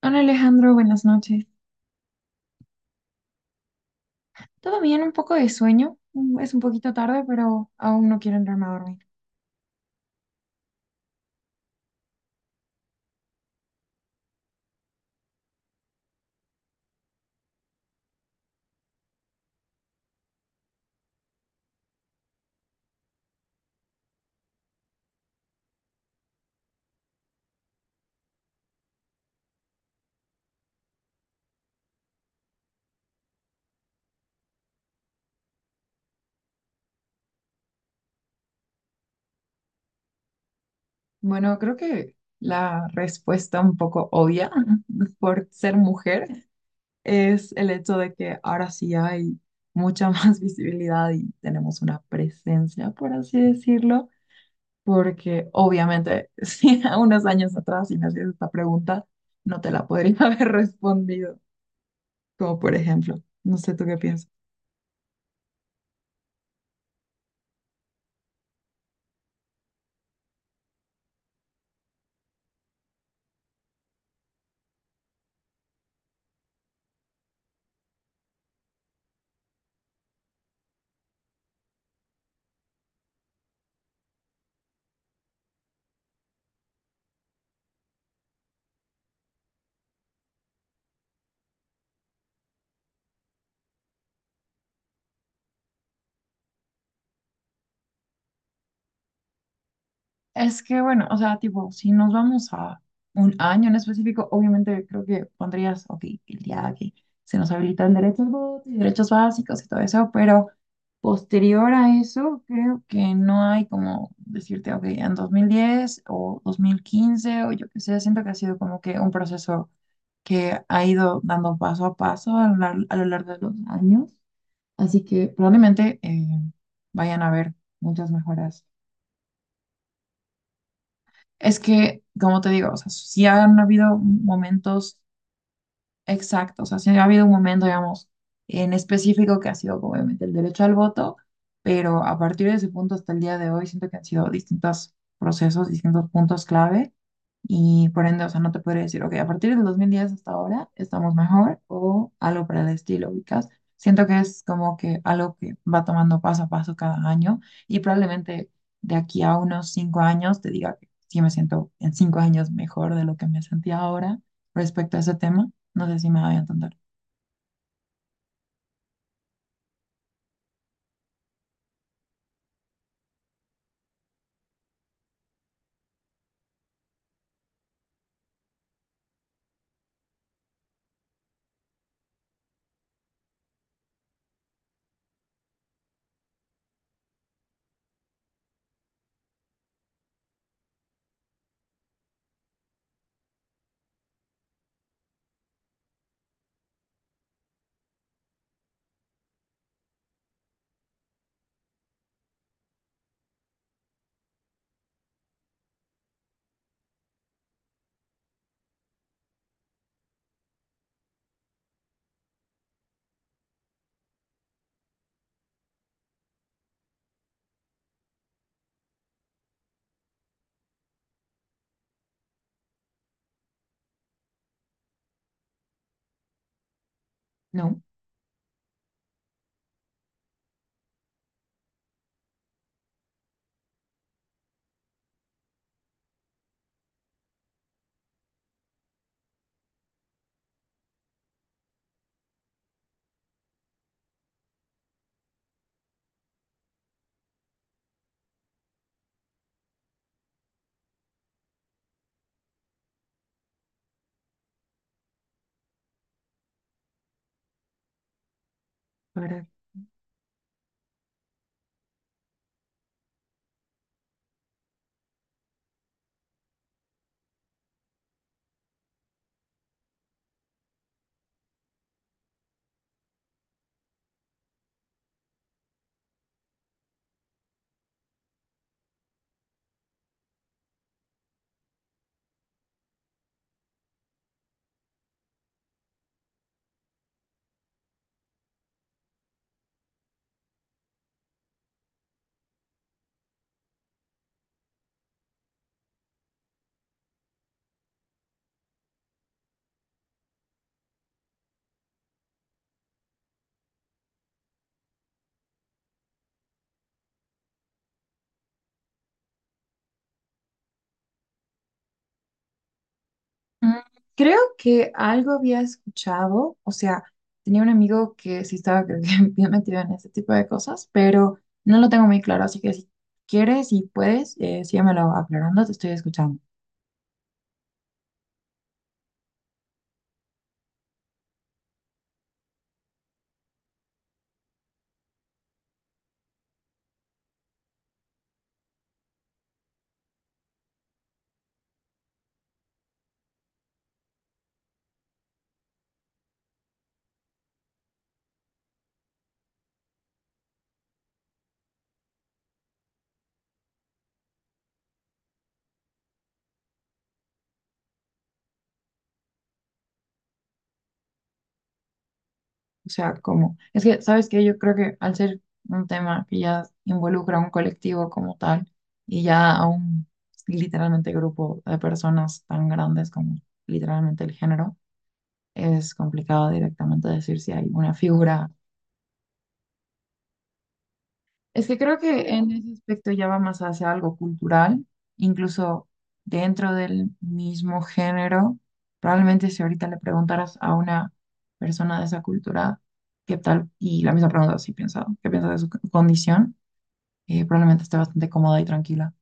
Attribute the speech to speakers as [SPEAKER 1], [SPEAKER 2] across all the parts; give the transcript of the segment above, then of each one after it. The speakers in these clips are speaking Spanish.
[SPEAKER 1] Hola Alejandro, buenas noches. ¿Todo bien? Un poco de sueño. Es un poquito tarde, pero aún no quiero entrarme a dormir. Bueno, creo que la respuesta un poco obvia por ser mujer es el hecho de que ahora sí hay mucha más visibilidad y tenemos una presencia, por así decirlo, porque obviamente si a unos años atrás si me hacías esta pregunta, no te la podría haber respondido, como por ejemplo, no sé tú qué piensas. Es que bueno, o sea, tipo, si nos vamos a un año en específico, obviamente creo que pondrías, ok, el día que se nos habilita el derecho al voto y derechos básicos y todo eso, pero posterior a eso, creo que no hay como decirte, ok, en 2010 o 2015 o yo qué sé, siento que ha sido como que un proceso que ha ido dando paso a paso a lo largo de los años, así que probablemente vayan a haber muchas mejoras. Es que, como te digo, o sea, sí han habido momentos exactos, o sea, sí ha habido un momento, digamos, en específico que ha sido obviamente el derecho al voto, pero a partir de ese punto hasta el día de hoy siento que han sido distintos procesos, distintos puntos clave y por ende, o sea, no te podría decir, ok, a partir del 2010 hasta ahora estamos mejor o algo para el estilo, ubicas. Siento que es como que algo que va tomando paso a paso cada año y probablemente de aquí a unos cinco años te diga que sí me siento en cinco años mejor de lo que me sentía ahora respecto a ese tema. ¿No sé si me voy a entender? No. Mm, creo que algo había escuchado, o sea, tenía un amigo que sí estaba creo que bien metido en este tipo de cosas, pero no lo tengo muy claro, así que si quieres y puedes, síguemelo aclarando, te estoy escuchando. O sea, como, es que, ¿sabes qué? Yo creo que al ser un tema que ya involucra a un colectivo como tal y ya a un literalmente grupo de personas tan grandes como literalmente el género, es complicado directamente decir si hay una figura. Es que creo que en ese aspecto ya va más hacia algo cultural, incluso dentro del mismo género. Probablemente si ahorita le preguntaras a una persona de esa cultura qué tal, y la misma pregunta si piensa, qué piensa de condición, probablemente esté bastante cómoda y tranquila.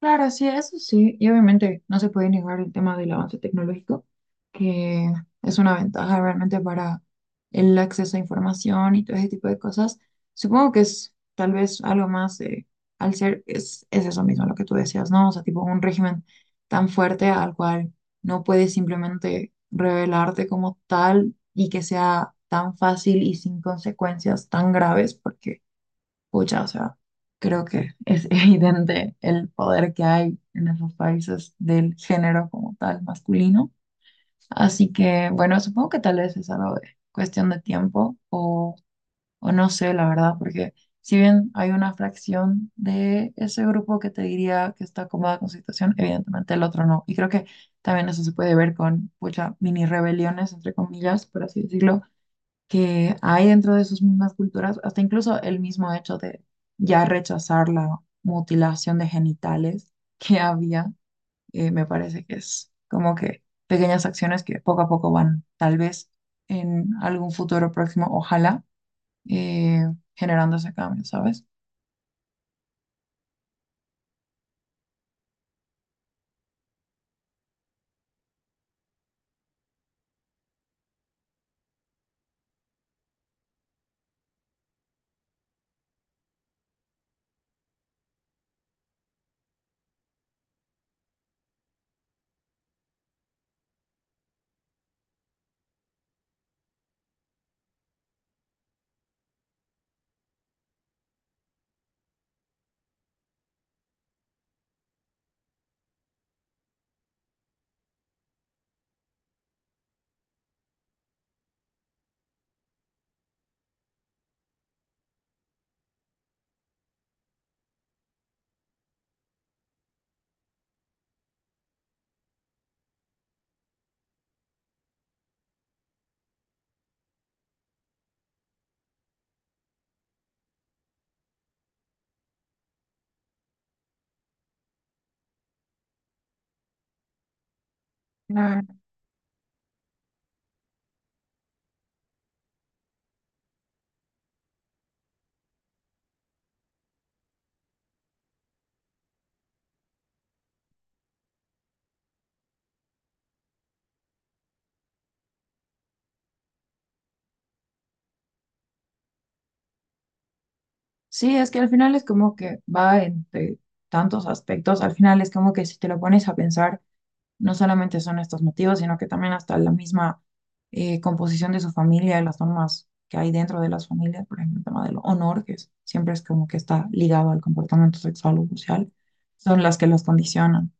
[SPEAKER 1] Claro, sí, eso sí, y obviamente no se puede negar el tema del avance tecnológico, que es una ventaja realmente para el acceso a información y todo ese tipo de cosas. Supongo que es tal vez algo más, al ser, es eso mismo lo que tú decías, ¿no? O sea, tipo un régimen tan fuerte al cual no puedes simplemente revelarte como tal y que sea tan fácil y sin consecuencias tan graves, porque pucha, o sea, creo que es evidente el poder que hay en esos países del género como tal masculino. Así que, bueno, supongo que tal vez es algo de cuestión de tiempo o no sé, la verdad, porque si bien hay una fracción de ese grupo que te diría que está cómoda con su situación, evidentemente el otro no. Y creo que también eso se puede ver con, pucha, mini rebeliones, entre comillas, por así decirlo, que hay dentro de sus mismas culturas, hasta incluso el mismo hecho de ya rechazar la mutilación de genitales que había, me parece que es como que pequeñas acciones que poco a poco van, tal vez en algún futuro próximo, ojalá, eh, generando ese cambio, ¿sabes? Claro. Sí, es que al final es como que va entre tantos aspectos, al final es como que si te lo pones a pensar, no solamente son estos motivos, sino que también hasta la misma composición de su familia y las normas que hay dentro de las familias, por ejemplo, el tema del honor, que siempre es como que está ligado al comportamiento sexual o social, son las que los condicionan.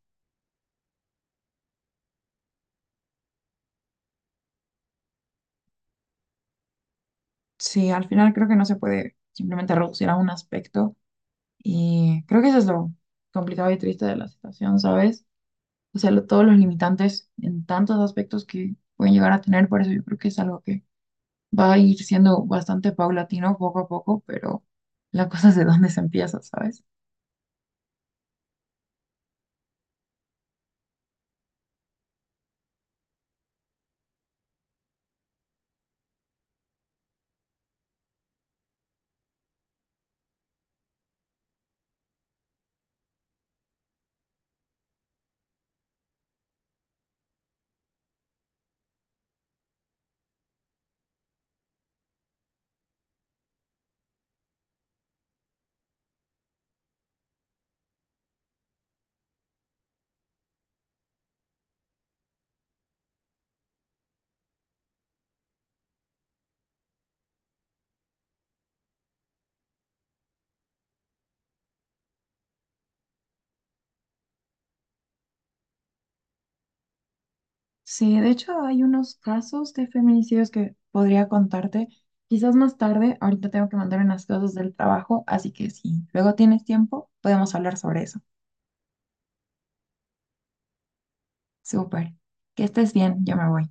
[SPEAKER 1] Sí, al final creo que no se puede simplemente reducir a un aspecto y creo que eso es lo complicado y triste de la situación, ¿sabes? O sea, todos los limitantes en tantos aspectos que pueden llegar a tener, por eso yo creo que es algo que va a ir siendo bastante paulatino poco a poco, pero la cosa es de dónde se empieza, ¿sabes? Sí, de hecho hay unos casos de feminicidios que podría contarte. Quizás más tarde, ahorita tengo que mandar unas cosas del trabajo, así que si luego tienes tiempo, podemos hablar sobre eso. Súper. Que estés bien, yo me voy.